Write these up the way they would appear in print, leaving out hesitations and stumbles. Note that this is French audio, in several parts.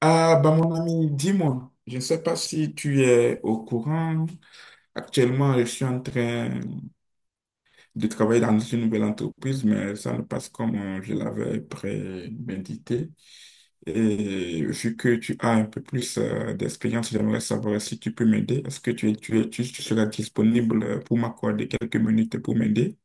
Ah, bah mon ami, dis-moi, je ne sais pas si tu es au courant. Actuellement, je suis en train de travailler dans une nouvelle entreprise, mais ça ne passe comme je l'avais prémédité. Et vu que tu as un peu plus d'expérience, j'aimerais savoir si tu peux m'aider. Est-ce que tu seras disponible pour m'accorder quelques minutes pour m'aider?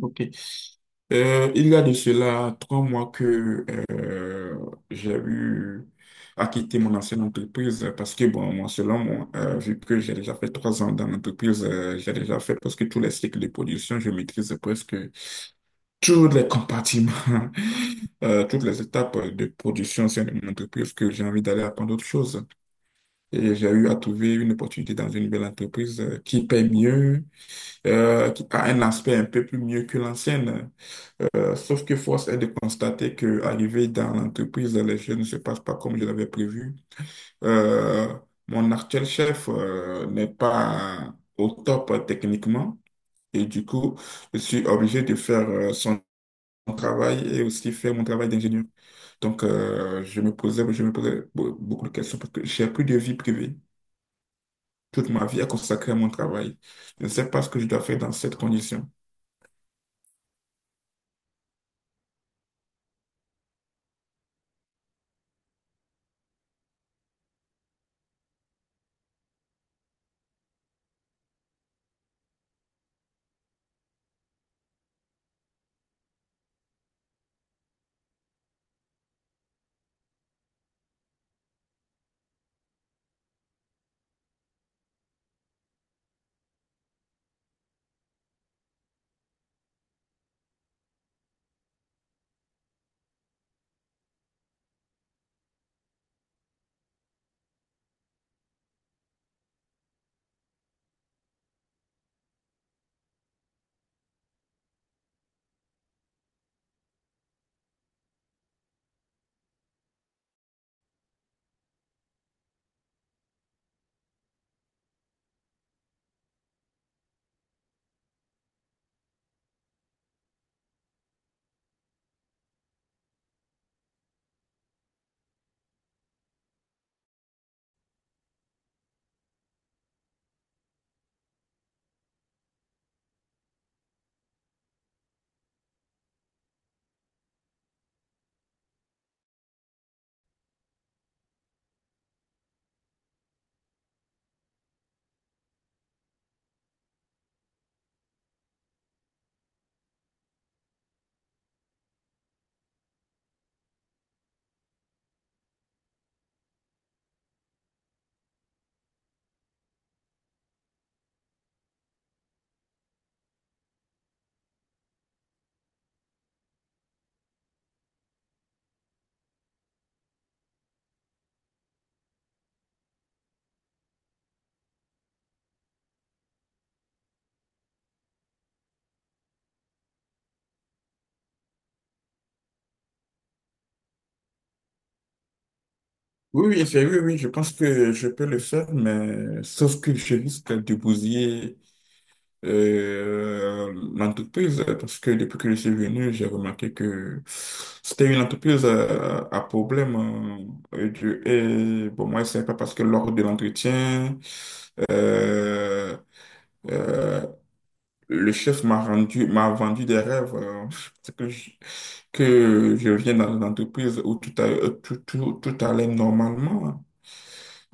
Ok. Il y a de cela 3 mois que euh, j'ai eu à quitter mon ancienne entreprise parce que, bon, moi, selon moi, vu que j'ai déjà fait 3 ans dans l'entreprise, j'ai déjà fait presque tous les cycles de production, je maîtrise presque tous les compartiments, toutes les étapes de production au sein de mon entreprise que j'ai envie d'aller apprendre autre chose. Et j'ai eu à trouver une opportunité dans une belle entreprise qui paye mieux, qui a un aspect un peu plus mieux que l'ancienne. Sauf que force est de constater que arrivé dans l'entreprise, les choses ne se passent pas comme je l'avais prévu. Euh, Mon actuel chef n'est pas au top techniquement et du coup, je suis obligé de faire son travail et aussi faire mon travail d'ingénieur. Donc, je me posais beaucoup de questions parce que j'ai plus de vie privée. Toute ma vie est consacrée à mon travail. Je ne sais pas ce que je dois faire dans cette condition. Oui, oui, oui, oui, je pense que je peux le faire, mais sauf que je risque de bousiller l'entreprise parce que depuis que je suis venu, j'ai remarqué que c'était une entreprise à, problème. Et, et bon, moi, c'est pas parce que lors de l'entretien, euh, euh, le chef m'a vendu des rêves. C'est que je, que je viens dans une entreprise où tout, a- tout, tout, tout allait normalement.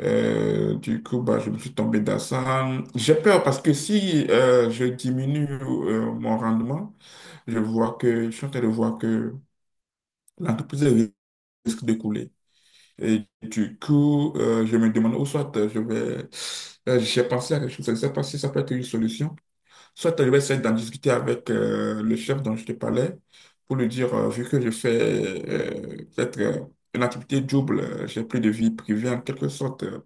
Du coup, bah, je me suis tombé dans ça. J'ai peur parce que si je diminue mon rendement, je suis en train de voir que l'entreprise risque de couler. Et du coup, je me demande, ou soit je vais, j'ai pensé à quelque chose, je ne sais pas si ça peut être une solution. Soit tu vais d'en discuter avec le chef dont je te parlais pour lui dire, vu que je fais peut-être une activité double, j'ai plus de vie privée en quelque sorte,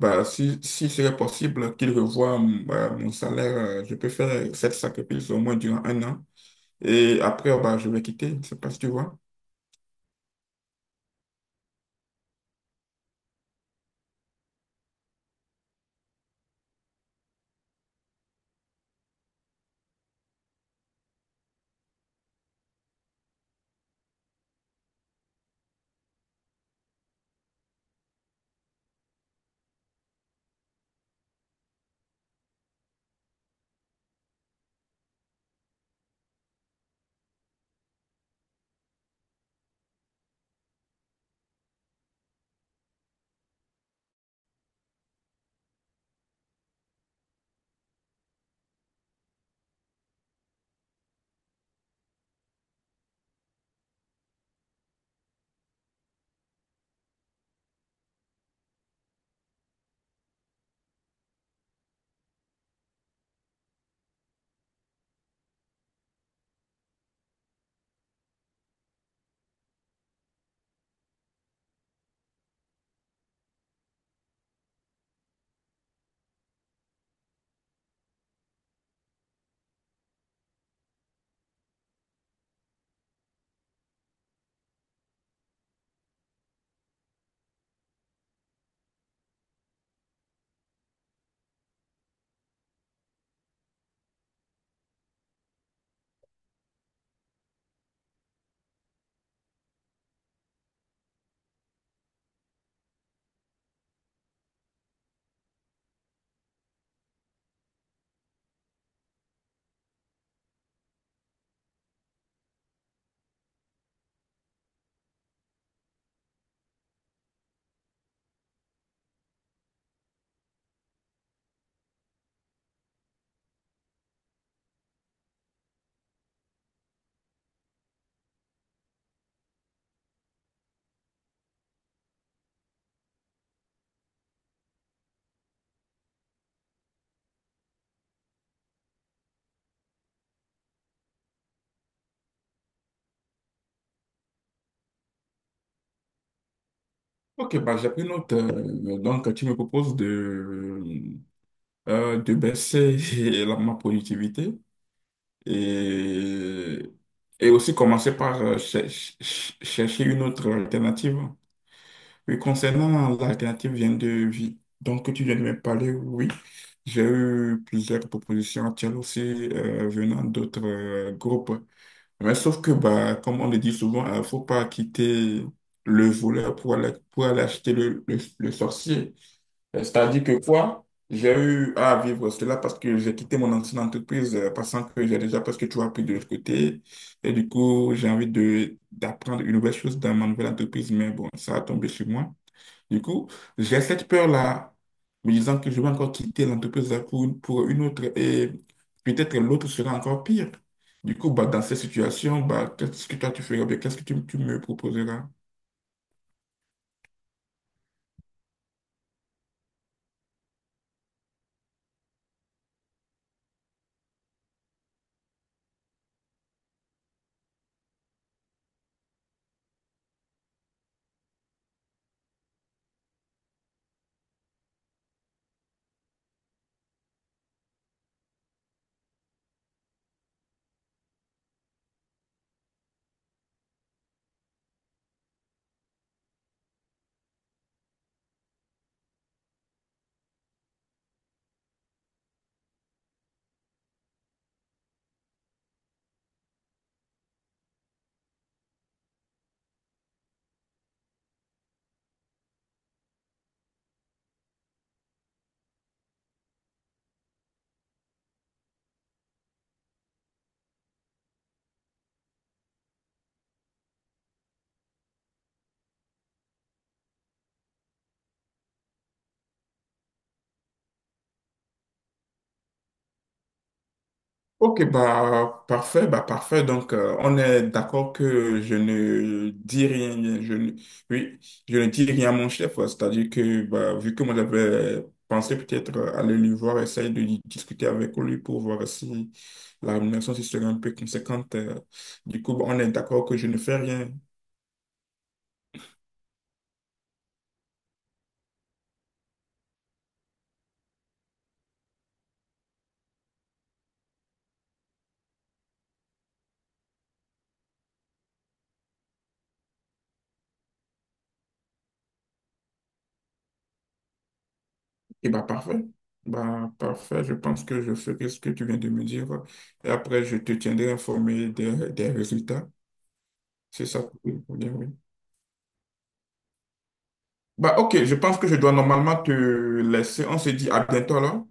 bah, si serait possible qu'il revoie bah, mon salaire, je peux faire cette sacrifice au moins durant 1 an. Et après, bah, je vais quitter, je ne sais pas si tu vois. Ok, bah, j'ai pris note. Donc, tu me proposes de baisser ma productivité et, et aussi commencer par chercher une autre alternative. Oui, concernant l'alternative vient de vie, donc que tu viens de me parler, oui, j'ai eu plusieurs propositions actuelles aussi venant d'autres groupes. Mais sauf que, bah, comme on le dit souvent, il ne faut pas quitter le voleur pour aller acheter le sorcier. C'est-à-dire que quoi, j'ai eu à vivre cela parce que j'ai quitté mon ancienne entreprise, pensant que j'ai déjà presque tout appris de l'autre côté. Et du coup, j'ai envie de d'apprendre une nouvelle chose dans ma nouvelle entreprise, mais bon, ça a tombé sur moi. Du coup, j'ai cette peur-là, me disant que je vais encore quitter l'entreprise pour une autre et peut-être l'autre sera encore pire. Du coup, bah, dans cette situation, bah, qu'est-ce que toi tu feras? Bien Qu'est-ce que tu me proposeras? Ok, bah parfait, bah parfait. Donc on est d'accord que je ne dis rien, je ne, oui, je ne dis rien à mon chef. Ouais. C'est-à-dire que bah, vu que moi j'avais pensé peut-être aller lui voir, essayer de discuter avec lui pour voir si la rémunération si serait un peu conséquente. Du coup, bah, on est d'accord que je ne fais rien. Et bah parfait, bah parfait. Je pense que je ferai ce que tu viens de me dire. Et après, je te tiendrai informé des résultats. C'est ça. Oui, oui. Bah, ok, je pense que je dois normalement te laisser. On se dit à bientôt alors.